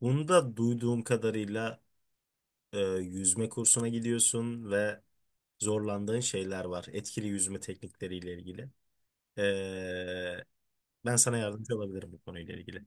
Bunda duyduğum kadarıyla yüzme kursuna gidiyorsun ve zorlandığın şeyler var. Etkili yüzme teknikleriyle ilgili. E, Ben sana yardımcı olabilirim bu konuyla ilgili.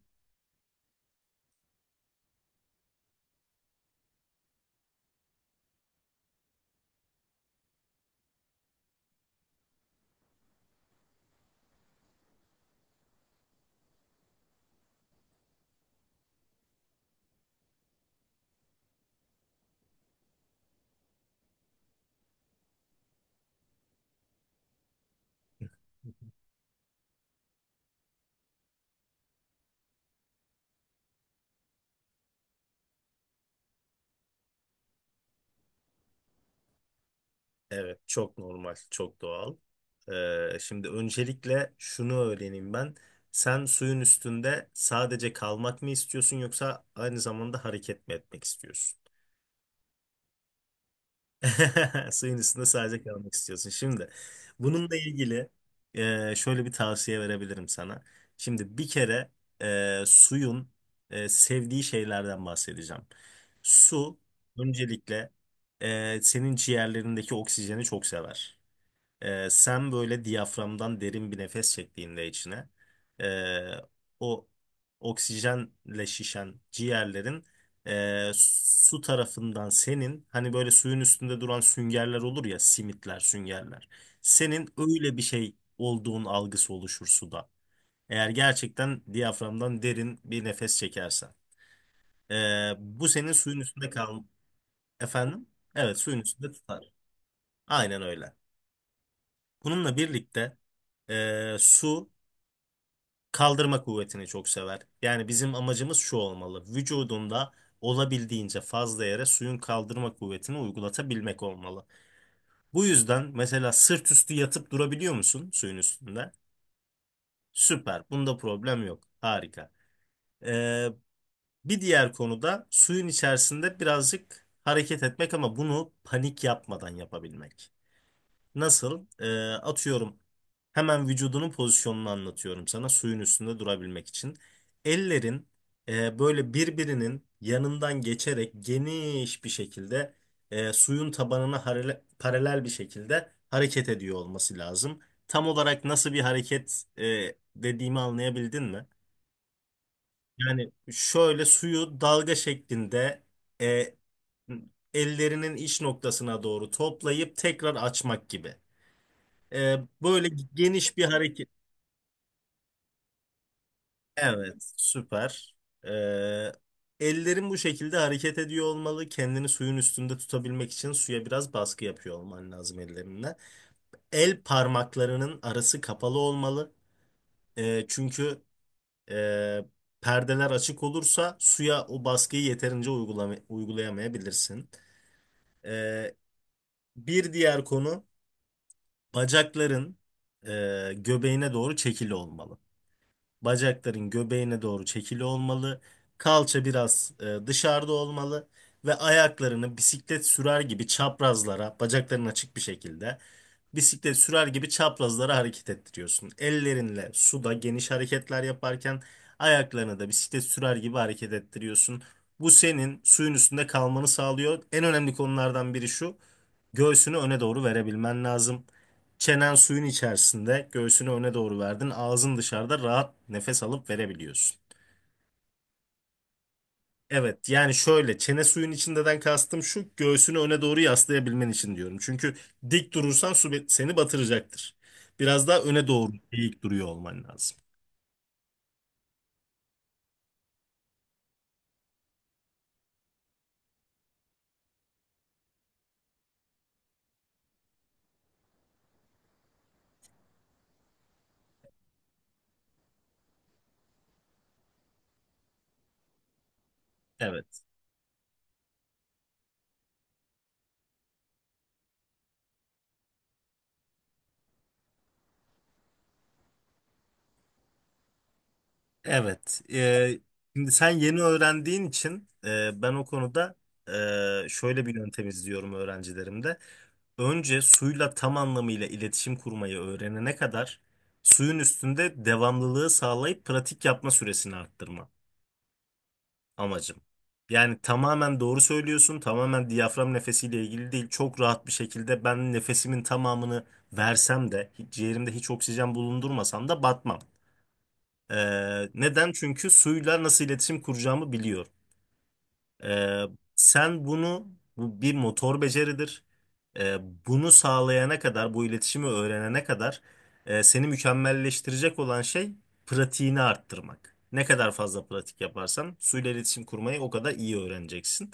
Evet, çok normal, çok doğal. Şimdi öncelikle şunu öğreneyim ben. Sen suyun üstünde sadece kalmak mı istiyorsun yoksa aynı zamanda hareket mi etmek istiyorsun? Suyun üstünde sadece kalmak istiyorsun. Şimdi bununla ilgili şöyle bir tavsiye verebilirim sana. Şimdi bir kere suyun sevdiği şeylerden bahsedeceğim. Su öncelikle senin ciğerlerindeki oksijeni çok sever. Sen böyle diyaframdan derin bir nefes çektiğinde içine ee, o oksijenle şişen ciğerlerin su tarafından senin hani böyle suyun üstünde duran süngerler olur ya simitler süngerler. Senin öyle bir şey olduğun algısı oluşur suda. Eğer gerçekten diyaframdan derin bir nefes çekersen. Bu senin suyun üstünde kal efendim. Evet suyun üstünde tutar. Aynen öyle. Bununla birlikte su kaldırma kuvvetini çok sever. Yani bizim amacımız şu olmalı. Vücudunda olabildiğince fazla yere suyun kaldırma kuvvetini uygulatabilmek olmalı. Bu yüzden mesela sırt üstü yatıp durabiliyor musun suyun üstünde? Süper. Bunda problem yok. Harika. Ee, Bir diğer konu da suyun içerisinde birazcık hareket etmek ama bunu panik yapmadan yapabilmek. Nasıl? Atıyorum hemen vücudunun pozisyonunu anlatıyorum sana suyun üstünde durabilmek için. Ellerin böyle birbirinin yanından geçerek geniş bir şekilde suyun tabanına paralel bir şekilde hareket ediyor olması lazım. Tam olarak nasıl bir hareket dediğimi anlayabildin mi? Yani şöyle suyu dalga şeklinde e, ellerinin iç noktasına doğru toplayıp tekrar açmak gibi. Ee, Böyle geniş bir hareket. Evet, süper. Ee, Ellerin bu şekilde hareket ediyor olmalı. Kendini suyun üstünde tutabilmek için suya biraz baskı yapıyor olman lazım ellerinle. El parmaklarının arası kapalı olmalı. Çünkü e, perdeler açık olursa suya o baskıyı yeterince uygulayamayabilirsin. Ee, Bir diğer konu bacakların göbeğine doğru çekili olmalı. Bacakların göbeğine doğru çekili olmalı. Kalça biraz dışarıda olmalı ve ayaklarını bisiklet sürer gibi çaprazlara, bacakların açık bir şekilde bisiklet sürer gibi çaprazlara hareket ettiriyorsun. Ellerinle suda geniş hareketler yaparken ayaklarını da bisiklet sürer gibi hareket ettiriyorsun. Bu senin suyun üstünde kalmanı sağlıyor. En önemli konulardan biri şu. Göğsünü öne doğru verebilmen lazım. Çenen suyun içerisinde, göğsünü öne doğru verdin. Ağzın dışarıda rahat nefes alıp verebiliyorsun. Evet, yani şöyle çene suyun içindeden kastım şu göğsünü öne doğru yaslayabilmen için diyorum. Çünkü dik durursan su seni batıracaktır. Biraz daha öne doğru eğik duruyor olman lazım. Evet. Evet. Şimdi sen yeni öğrendiğin için ben o konuda şöyle bir yöntem izliyorum öğrencilerimde. Önce suyla tam anlamıyla iletişim kurmayı öğrenene kadar suyun üstünde devamlılığı sağlayıp pratik yapma süresini arttırma amacım. Yani tamamen doğru söylüyorsun, tamamen diyafram nefesiyle ilgili değil. Çok rahat bir şekilde ben nefesimin tamamını versem de, ciğerimde hiç oksijen bulundurmasam da batmam. Neden? Çünkü suyla nasıl iletişim kuracağımı biliyorum. Ee, Sen bunu bu bir motor beceridir. Ee, Bunu sağlayana kadar, bu iletişimi öğrenene kadar seni mükemmelleştirecek olan şey pratiğini arttırmak. Ne kadar fazla pratik yaparsan suyla iletişim kurmayı o kadar iyi öğreneceksin.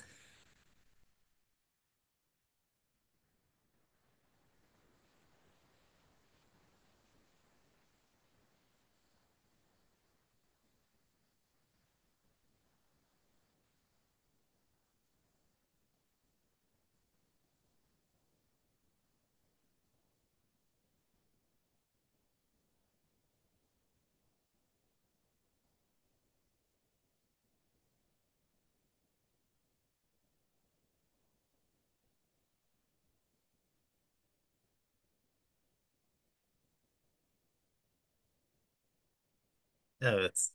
Evet.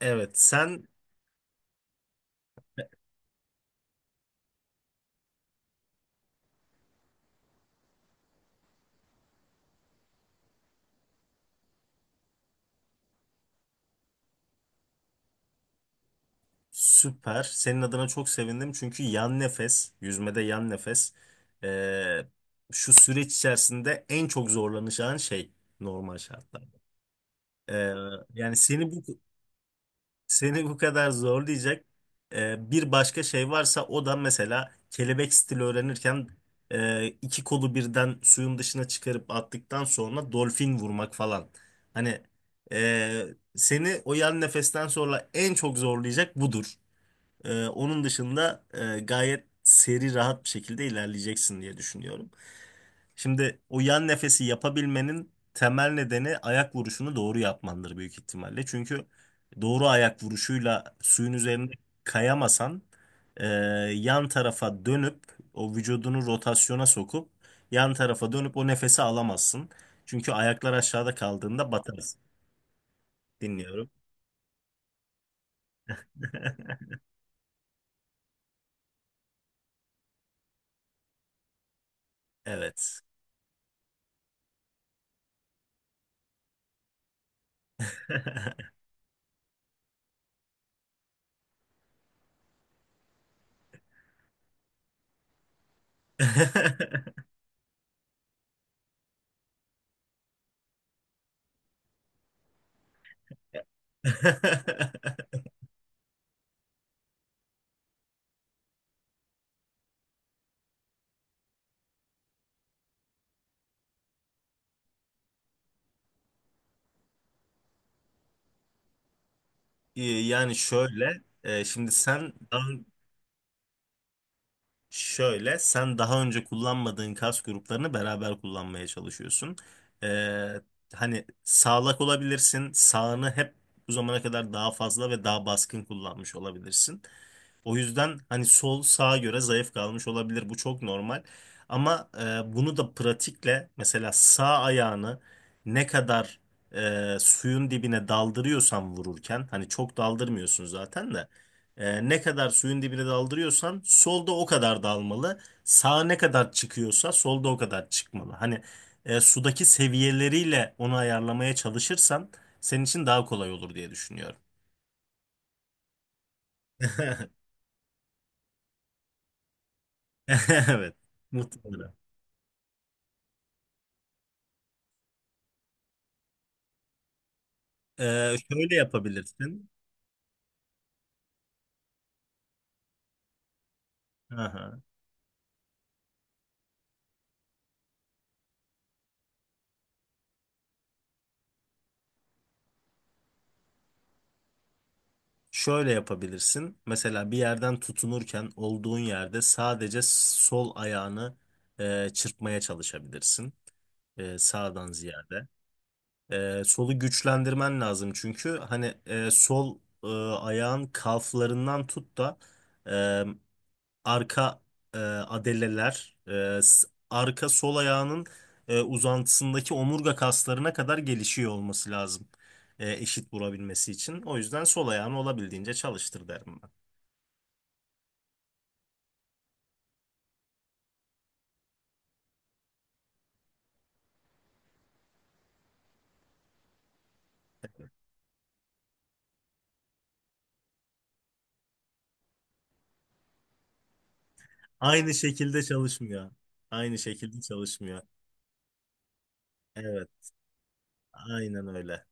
Evet, sen süper. Senin adına çok sevindim çünkü yan nefes, yüzmede yan nefes e, şu süreç içerisinde en çok zorlanacağın şey normal şartlarda. Ee, Yani seni bu seni bu kadar zorlayacak bir başka şey varsa o da mesela kelebek stili öğrenirken iki kolu birden suyun dışına çıkarıp attıktan sonra dolfin vurmak falan. Hani e, seni o yan nefesten sonra en çok zorlayacak budur. Onun dışında gayet seri rahat bir şekilde ilerleyeceksin diye düşünüyorum. Şimdi o yan nefesi yapabilmenin temel nedeni ayak vuruşunu doğru yapmandır büyük ihtimalle. Çünkü doğru ayak vuruşuyla suyun üzerinde kayamasan e, yan tarafa dönüp o vücudunu rotasyona sokup yan tarafa dönüp o nefesi alamazsın. Çünkü ayaklar aşağıda kaldığında batarsın. Dinliyorum. Evet. Yani şöyle, şimdi sen daha şöyle, sen daha önce kullanmadığın kas gruplarını beraber kullanmaya çalışıyorsun. Ee, Hani sağlak olabilirsin, sağını hep bu zamana kadar daha fazla ve daha baskın kullanmış olabilirsin. O yüzden hani sol sağa göre zayıf kalmış olabilir. Bu çok normal. Ama bunu da pratikle mesela sağ ayağını ne kadar suyun dibine daldırıyorsan vururken hani çok daldırmıyorsun zaten de ne kadar suyun dibine daldırıyorsan solda o kadar dalmalı. Sağa ne kadar çıkıyorsa solda o kadar çıkmalı. Hani sudaki seviyeleriyle onu ayarlamaya çalışırsan senin için daha kolay olur diye düşünüyorum. Evet, muhtemelen. Şöyle yapabilirsin. Aha. Şöyle yapabilirsin. Mesela bir yerden tutunurken olduğun yerde sadece sol ayağını çırpmaya çalışabilirsin. Sağdan ziyade. Solu güçlendirmen lazım çünkü hani sol e, ayağın kalflarından tut da e, arka adeleler, arka sol ayağının uzantısındaki omurga kaslarına kadar gelişiyor olması lazım eşit vurabilmesi için. O yüzden sol ayağını olabildiğince çalıştır derim ben. Aynı şekilde çalışmıyor. Aynı şekilde çalışmıyor. Evet, aynen öyle.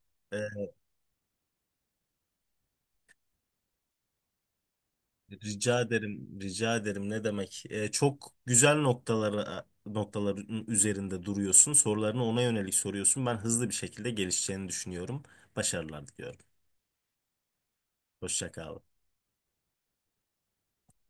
Rica ederim, rica ederim. Ne demek? Çok güzel noktaların üzerinde duruyorsun. Sorularını ona yönelik soruyorsun. Ben hızlı bir şekilde gelişeceğini düşünüyorum. Başarılar diliyorum. Hoşça kal.